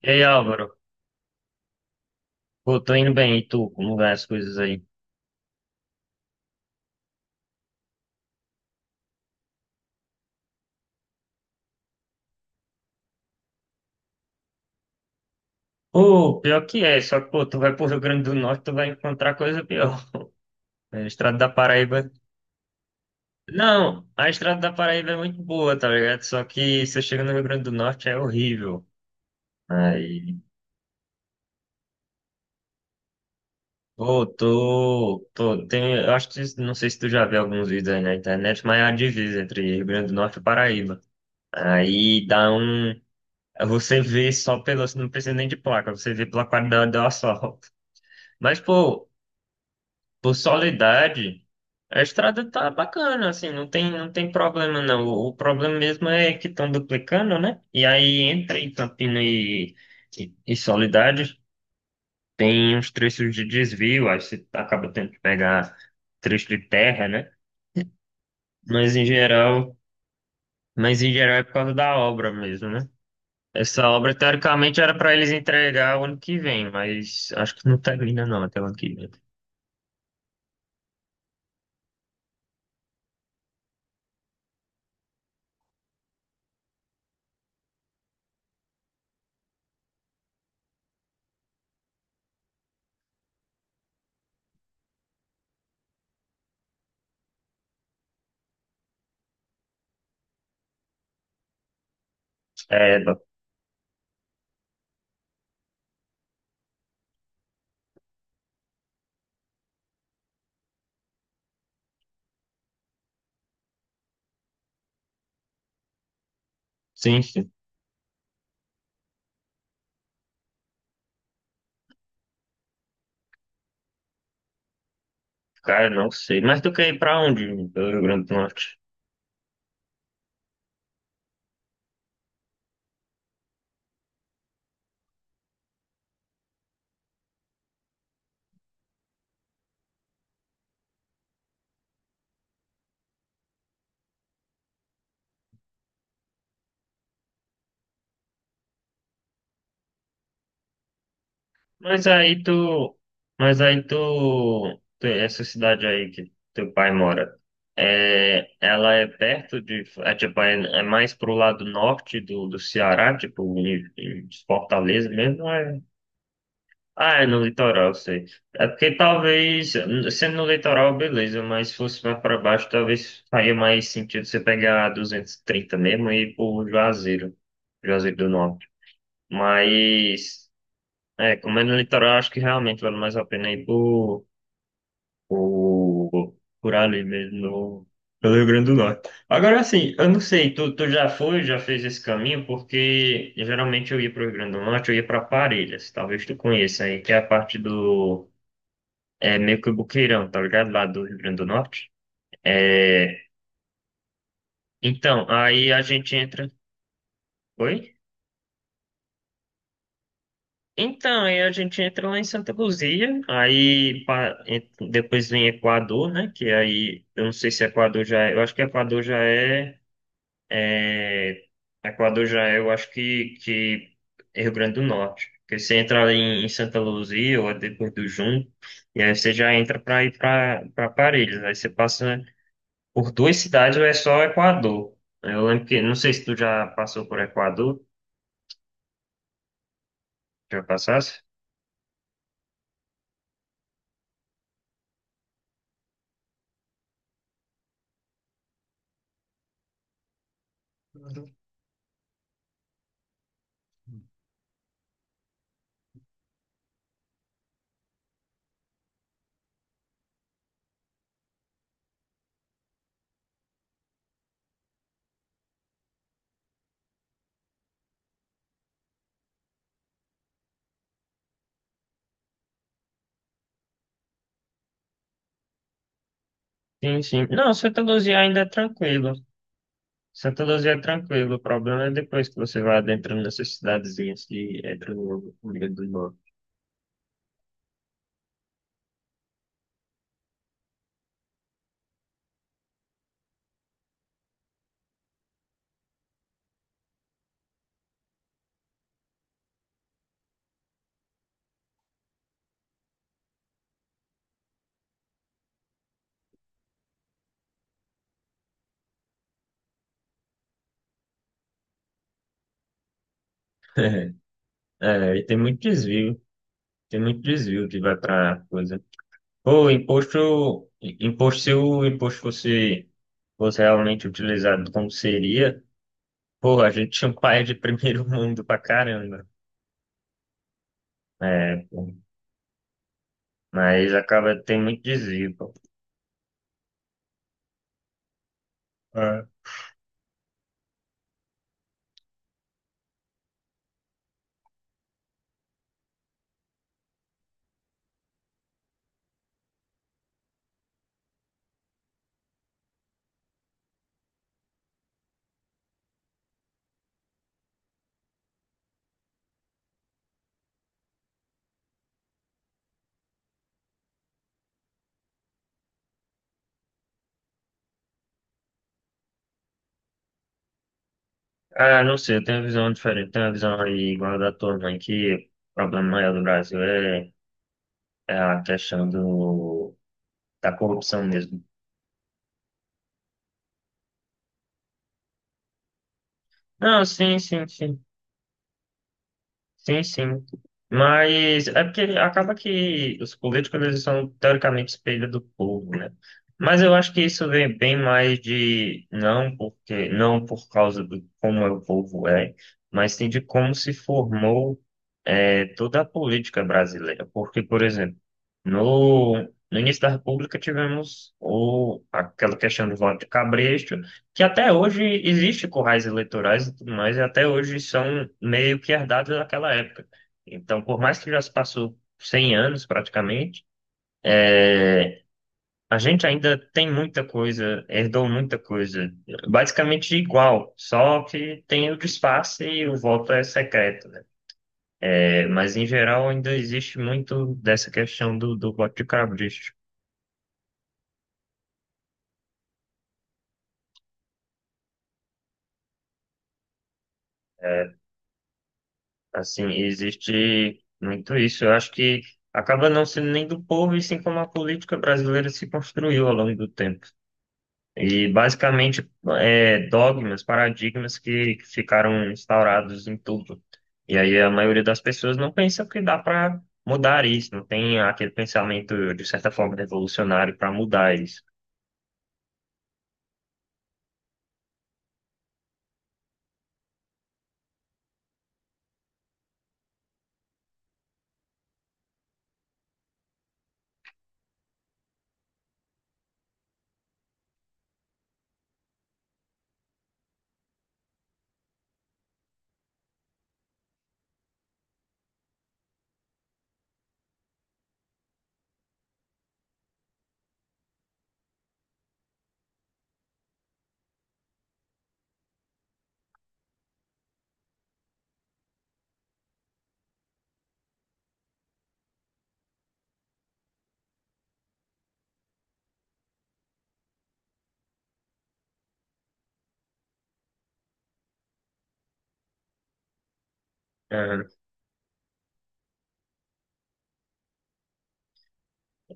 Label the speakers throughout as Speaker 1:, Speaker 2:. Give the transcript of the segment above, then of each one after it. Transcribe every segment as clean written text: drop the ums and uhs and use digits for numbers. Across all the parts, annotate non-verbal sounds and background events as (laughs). Speaker 1: E aí, Álvaro? Pô, tô indo bem, e tu? Como vai as coisas aí? Pô, pior que é, só que, pô, tu vai pro Rio Grande do Norte, tu vai encontrar coisa pior. É, A estrada da Paraíba... Não, a estrada da Paraíba é muito boa, tá ligado? Só que se você chega no Rio Grande do Norte é horrível. Aí, pô, eu acho que, não sei se tu já viu alguns vídeos aí na internet, mas é a divisa entre Rio Grande do Norte e Paraíba. Aí dá um... Você vê só pelo... Não precisa nem de placa, você vê pela qualidade do asfalto. Mas, pô, Por Soledade, a estrada tá bacana, assim, não tem problema não. O problema mesmo é que estão duplicando, né? E aí entre em Campina e Soledade, tem uns trechos de desvio, aí você acaba tendo que pegar trecho de terra, né? Mas em geral, mas em geral é por causa da obra mesmo, né? Essa obra, teoricamente, era para eles entregar o ano que vem, mas acho que não termina não até o ano que vem. É, sim. Cara, não sei. Mas tu quer ir pra onde? Pelo Rio Grande do Norte. Mas aí tu. Essa cidade aí que teu pai mora. É, ela é perto de. É, tipo, é mais pro lado norte do Ceará, tipo, em Fortaleza mesmo. Ah, é no litoral, eu sei. É porque talvez. Sendo no litoral, beleza, mas se fosse mais pra baixo, talvez faria mais sentido você pegar a 230 mesmo e ir pro Juazeiro. Juazeiro do Norte. Mas, comendo no litoral, acho que realmente vale mais a pena ir por, por ali mesmo, no, pelo Rio Grande do Norte. Agora, assim, eu não sei, tu já foi, já fez esse caminho? Porque geralmente eu ia para o Rio Grande do Norte, eu ia para Parelhas, talvez tu conheça aí, que é a parte é meio que o Boqueirão, tá ligado? Lá do Rio Grande do Norte. É, então, aí a gente entra. Oi? Então, aí a gente entra lá em Santa Luzia, aí depois vem Equador, né? Que aí, eu não sei se Equador já é, eu acho que Equador já é, é, Equador já é, eu acho que é Rio Grande do Norte. Porque você entra ali em Santa Luzia ou é depois do Junco, e aí você já entra para ir para Parelhas. Aí você passa por duas cidades ou é só Equador. Eu lembro que, não sei se tu já passou por Equador, já passasse? Uhum. Sim, sim. Não, Santa Luzia ainda é tranquilo. Santa Luzia é tranquilo, o problema é depois que você vai adentrando nessas cidadezinhas que entra no meio do norte. (laughs) É, e tem muito desvio que vai pra coisa. Pô, imposto, se o imposto fosse realmente utilizado como seria, pô, a gente tinha um país de primeiro (laughs) mundo pra caramba. É, pô, mas acaba, tem muito desvio, pô. Ah, ah, não sei, eu tenho uma visão diferente, tenho uma visão aí igual a da tua mãe, que o problema maior do Brasil é a questão da corrupção mesmo. Não, sim, sim, sim. Sim, sim. Mas é porque acaba que os políticos eles são teoricamente espelho do povo, né? Mas eu acho que isso vem bem mais de não porque não por causa do como é o povo é, mas sim de como se formou toda a política brasileira. Porque, por exemplo, no, no início da República tivemos aquela questão do voto de cabresto que até hoje existe currais eleitorais e tudo mais, e até hoje são meio que herdados daquela época. Então, por mais que já se passou 100 anos praticamente, é, a gente ainda tem muita coisa, herdou muita coisa, basicamente igual, só que tem o disfarce e o voto é secreto, né? É, mas em geral ainda existe muito dessa questão do voto de cabresto. Assim, existe muito isso. Eu acho que acaba não sendo nem do povo, e sim como a política brasileira se construiu ao longo do tempo. E basicamente dogmas, paradigmas que ficaram instaurados em tudo. E aí a maioria das pessoas não pensa que dá para mudar isso, não tem aquele pensamento, de certa forma, revolucionário para mudar isso.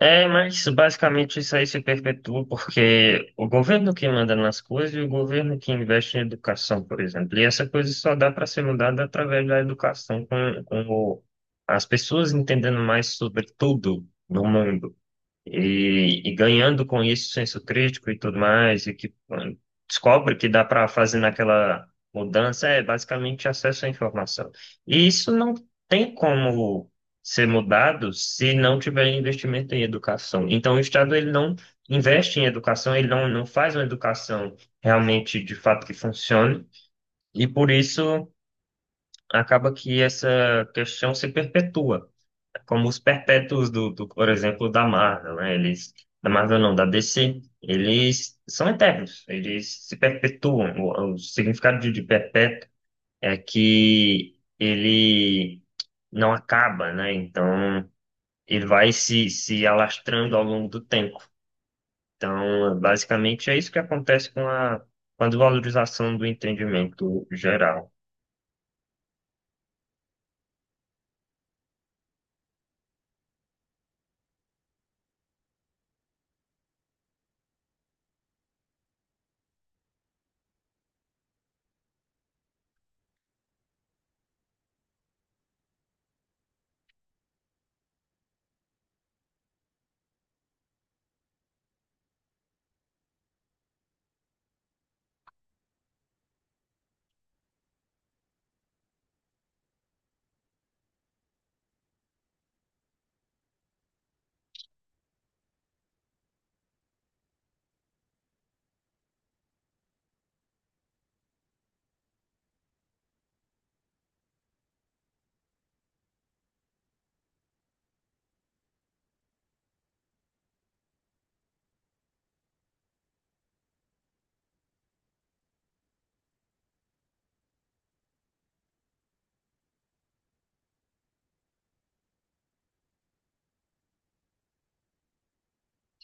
Speaker 1: É, mas basicamente isso aí se perpetua porque o governo que manda nas coisas e o governo que investe em educação, por exemplo. E essa coisa só dá para ser mudada através da educação, com as pessoas entendendo mais sobre tudo no mundo e ganhando com isso senso crítico e tudo mais, e que mano, descobre que dá para fazer naquela mudança, é basicamente acesso à informação. E isso não tem como ser mudado se não tiver investimento em educação. Então, o Estado ele não investe em educação, ele não, não faz uma educação realmente de fato que funcione, e por isso acaba que essa questão se perpetua como os perpétuos do, por exemplo, da Marvel, né? Eles, da Marvel não, da DC, eles são eternos, eles se perpetuam. O significado de perpétuo é que ele não acaba, né? Então, ele vai se alastrando ao longo do tempo. Então, basicamente, é isso que acontece com a desvalorização do entendimento geral.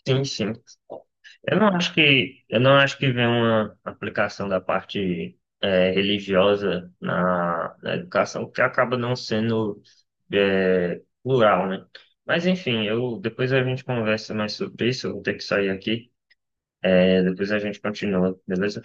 Speaker 1: Sim, sim. Eu não acho que vem uma aplicação da parte religiosa na educação que acaba não sendo plural, né? Mas enfim, eu depois a gente conversa mais sobre isso. Eu vou ter que sair aqui. É, depois a gente continua, beleza?